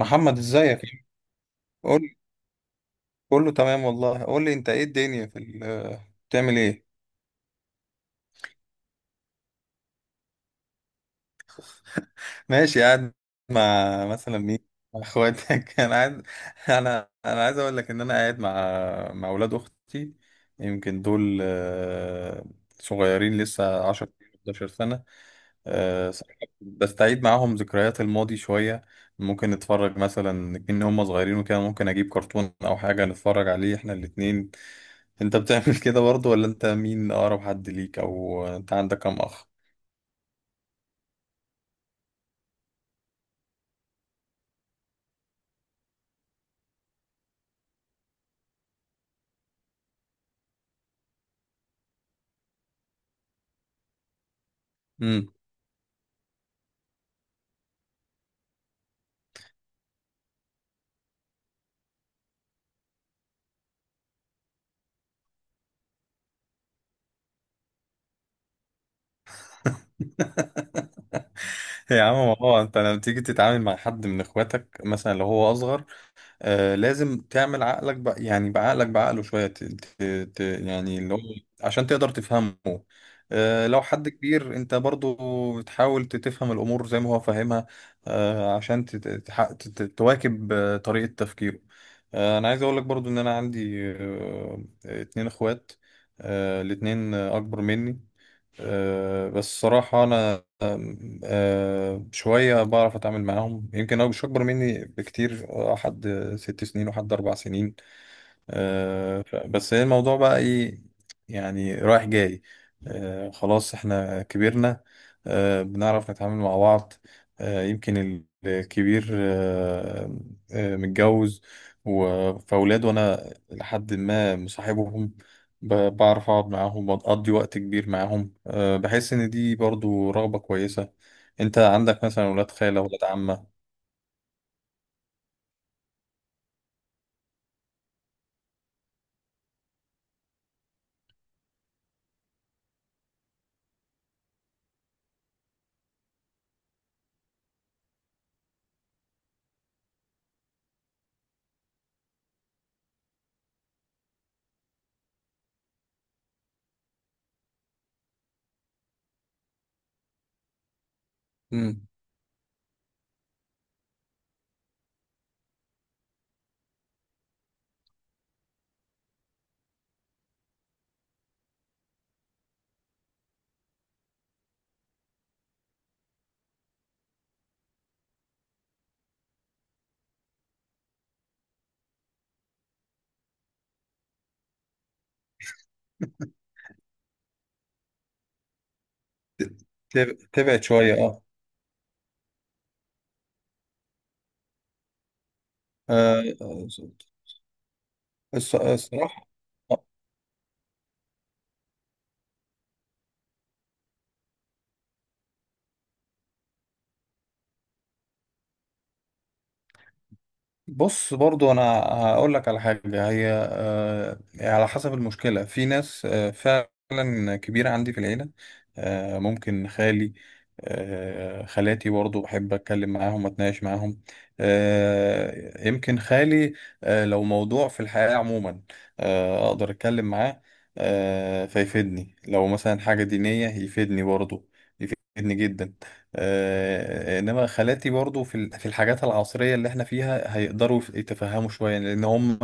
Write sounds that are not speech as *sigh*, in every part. محمد، ازيك؟ قول. كله تمام والله. قول لي انت، ايه الدنيا في ال- آه، بتعمل ايه؟ ماشي، قاعد مع مثلا مين؟ مع اخواتك. *laughs* انا عايز اقول لك ان انا قاعد مع اولاد اختي. يمكن دول صغيرين لسه، 10 11 سنة. صراحة بستعيد معاهم ذكريات الماضي شوية. ممكن نتفرج مثلا، إن هم صغيرين وكده ممكن أجيب كرتون أو حاجة نتفرج عليه إحنا الاتنين. انت بتعمل كده برضه؟ ولا انت، مين اقرب حد ليك، او انت عندك كام اخ؟ امم. *laughs* يا عم، ما هو انت لما تيجي تتعامل مع حد من اخواتك، مثلا لو هو اصغر، لازم تعمل عقلك بقى، يعني بعقله شوية يعني اللي هو عشان تقدر تفهمه. لو حد كبير، انت برضو تحاول تفهم الأمور زي ما هو فاهمها. عشان تواكب طريقة تفكيره. أنا عايز أقول لك برضو إن أنا عندي اتنين إخوات. الاتنين أكبر مني. بس صراحة أنا أم، أه شوية بعرف أتعامل معاهم، يمكن هو مش أكبر مني بكتير، حد ست سنين وحد أربع سنين. بس هي الموضوع بقى ايه؟ يعني رايح جاي. خلاص احنا كبرنا، بنعرف نتعامل مع بعض. يمكن الكبير متجوز فاولاد، وانا لحد ما مصاحبهم، بعرف اقعد معاهم، بقضي وقت كبير معاهم. بحس ان دي برضو رغبة كويسة. انت عندك مثلا ولاد خالة، ولاد عمة؟ مم. ت- تبعد شوية، اه. آه، الصراحة. بص، برضو انا هقول لك على حاجة. هي على حسب المشكلة. في ناس فعلا كبيرة عندي في العيلة، ممكن خالي، خالاتي برضو بحب اتكلم معاهم، اتناقش معاهم. يمكن خالي لو موضوع في الحياة عموما اقدر اتكلم معاه. فيفيدني. لو مثلا حاجة دينية يفيدني برضو، يفيدني جدا. انما خالاتي برضو في الحاجات العصريه اللي احنا فيها هيقدروا يتفهموا شويه، لان هم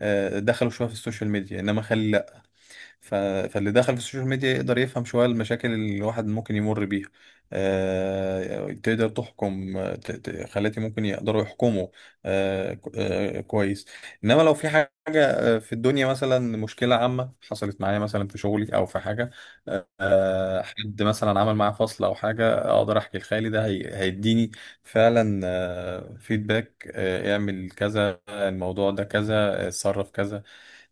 دخلوا شويه في السوشيال ميديا، انما ف... فاللي دخل في السوشيال ميديا يقدر يفهم شوية المشاكل اللي الواحد ممكن يمر بيها. تقدر تحكم، خلاتي ممكن يقدروا يحكموا كويس. إنما لو في حاجة في الدنيا، مثلا مشكلة عامة حصلت معايا، مثلا في شغلي أو في حاجة، حد مثلا عمل معاه فصل او حاجه، اقدر احكي لخالي. ده هيديني فعلا فيدباك، اعمل كذا، الموضوع ده كذا، اتصرف كذا،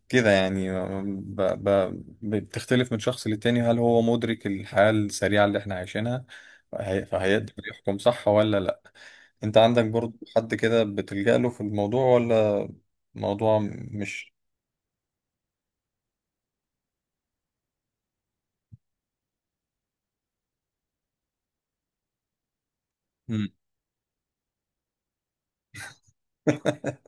كده يعني. بتختلف من شخص للتاني، هل هو مدرك الحياة السريعة اللي احنا عايشينها؟ فهيقدر يحكم صح ولا لا. انت عندك برضو حد كده بتلجأ له في الموضوع ولا؟ موضوع مش. مم. *laughs*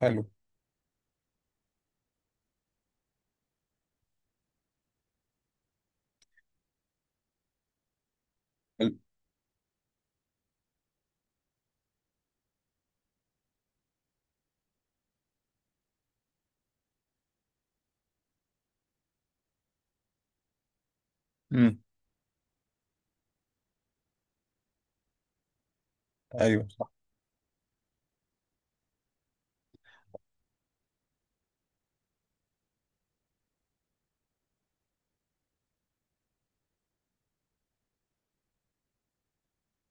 حلو. مم. ايوه، صح.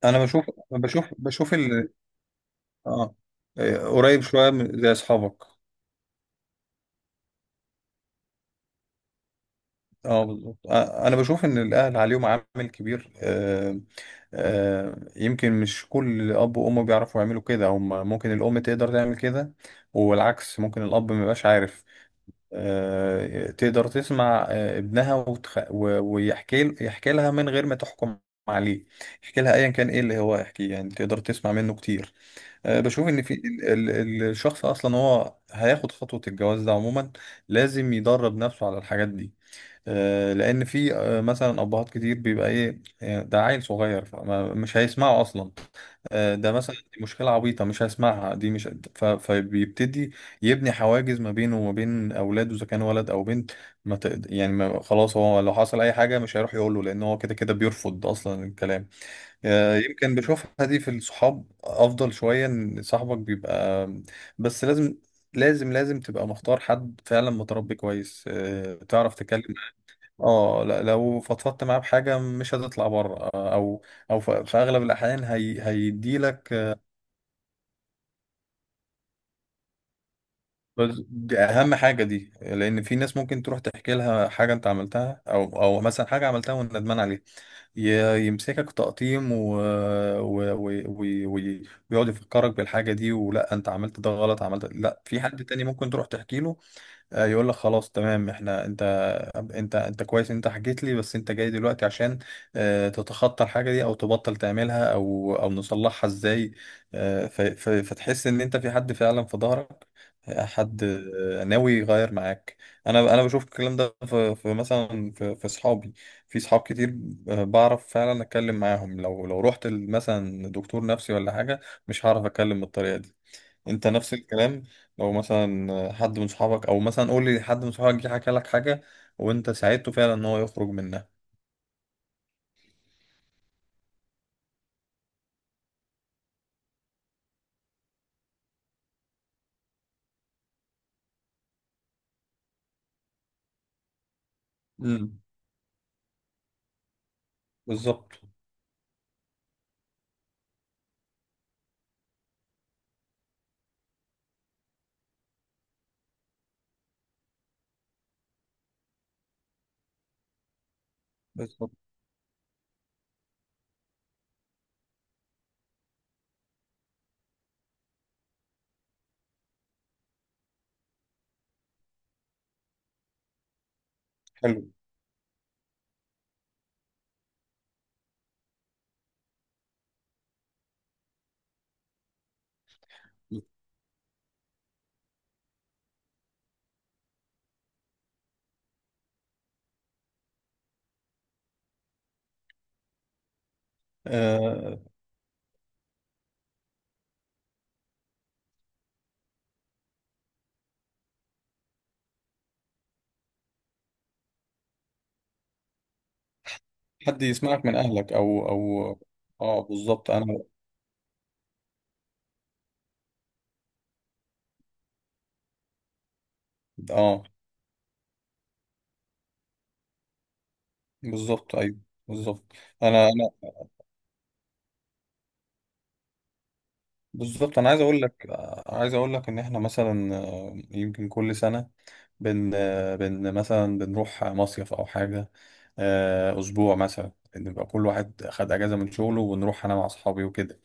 انا بشوف ال... اه إيه، قريب شوية زي اصحابك؟ اه، بالظبط. انا بشوف ان الاهل عليهم عامل كبير. يمكن مش كل اب وام بيعرفوا يعملوا كده. هم ممكن الام تقدر تعمل كده والعكس، ممكن الاب ما يبقاش عارف. تقدر تسمع ابنها ويحكي لها من غير ما تحكم عليه. يحكي لها ايا كان ايه اللي هو يحكيه، يعني تقدر تسمع منه كتير. بشوف ان الشخص اصلا، هو هياخد خطوة الجواز ده عموما لازم يدرب نفسه على الحاجات دي. لان في مثلا ابهات كتير بيبقى ايه، ده عيل صغير فمش هيسمعه اصلا. ده مثلا دي مشكله عبيطه مش هيسمعها، دي مش. فبيبتدي يبني حواجز ما بينه وما بين اولاده، اذا كان ولد او بنت. ما تقد... يعني ما خلاص، هو لو حصل اي حاجه مش هيروح يقوله، لان هو كده كده بيرفض اصلا الكلام. يمكن بشوفها دي في الصحاب افضل شويه، ان صاحبك بيبقى. بس لازم تبقى مختار حد فعلا متربي كويس، تعرف تتكلم. اه، لا، لو فضفضت معاه بحاجه مش هتطلع بره، او في اغلب الاحيان هيديلك. بس دي اهم حاجه، دي لان في ناس ممكن تروح تحكي لها حاجه انت عملتها، او مثلا حاجه عملتها وندمان عليها، يمسكك تقطيم و... و... و... و... ويقعد يفكرك بالحاجه دي، ولا انت عملت ده غلط، عملت. لا، في حد تاني ممكن تروح تحكي له يقول لك خلاص، تمام، احنا انت انت انت كويس إن انت حكيت لي، بس انت جاي دلوقتي عشان تتخطى الحاجه دي، او تبطل تعملها، او نصلحها ازاي. فتحس ان انت في حد فعلا في ظهرك، حد ناوي يغير معاك. انا بشوف الكلام ده في في مثلا في اصحابي، في صحاب كتير، بعرف فعلا اتكلم معاهم. لو رحت مثلا دكتور نفسي ولا حاجه مش هعرف اتكلم بالطريقه دي. انت نفس الكلام، لو مثلا حد من صحابك، او مثلا قول لي، حد من صحابك جه حكى لك حاجه وانت ساعدته فعلا ان هو يخرج منها؟ امم. بالظبط، بالظبط. حلو. أه، حد يسمعك من اهلك، او اه. بالظبط. انا، اه، بالظبط، ايوه، بالظبط. انا انا بالظبط. انا عايز اقول لك ان احنا مثلا، يمكن كل سنه، بن بن مثلا بنروح مصيف أو حاجة، أسبوع مثلا، نبقى كل واحد خد أجازة من شغله، ونروح أنا مع أصحابي وكده.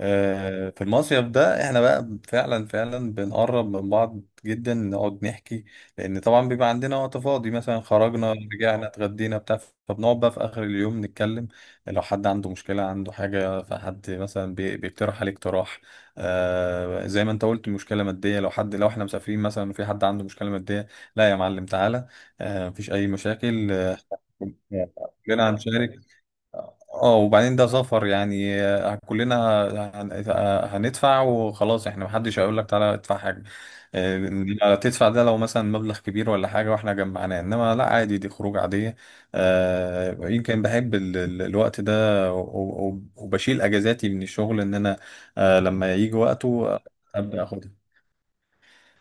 في المصيف ده احنا بقى فعلا فعلا بنقرب من بعض جدا، نقعد نحكي. لان طبعا بيبقى عندنا وقت فاضي، مثلا خرجنا، رجعنا، اتغدينا، بتاع، فبنقعد بقى في اخر اليوم نتكلم. لو حد عنده مشكلة، عنده حاجة، فحد مثلا بيقترح عليه اقتراح. زي ما انت قلت، مشكلة مادية، لو حد، لو احنا مسافرين مثلا وفي حد عنده مشكلة مادية، لا يا معلم، تعالى. مفيش اي مشاكل. آه، كلنا هنشارك. اه، وبعدين ده سفر يعني، كلنا هندفع وخلاص. احنا محدش هيقول لك تعالى ادفع حاجة. لا، تدفع ده لو مثلا مبلغ كبير ولا حاجة واحنا جمعناه، انما لا، عادي، دي خروج عادية. يمكن بحب الوقت ده و- وبشيل اجازاتي من الشغل، ان انا لما يجي وقته ابدا اخدها.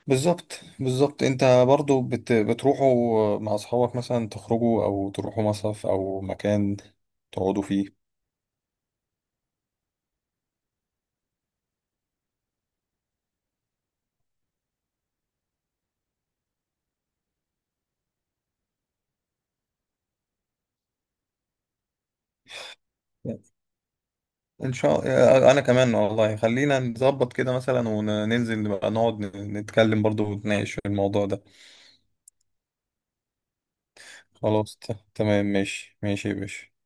بالظبط، بالظبط. انت برضو بتروحوا مع اصحابك مثلا، تخرجوا او تروحوا مصيف او مكان تقعدوا فيه؟ ان شاء الله. انا كمان والله، خلينا نظبط كده مثلا، وننزل بقى نقعد نتكلم برضو، ونتناقش في الموضوع ده. خلاص، تمام، ماشي ماشي يا باشا.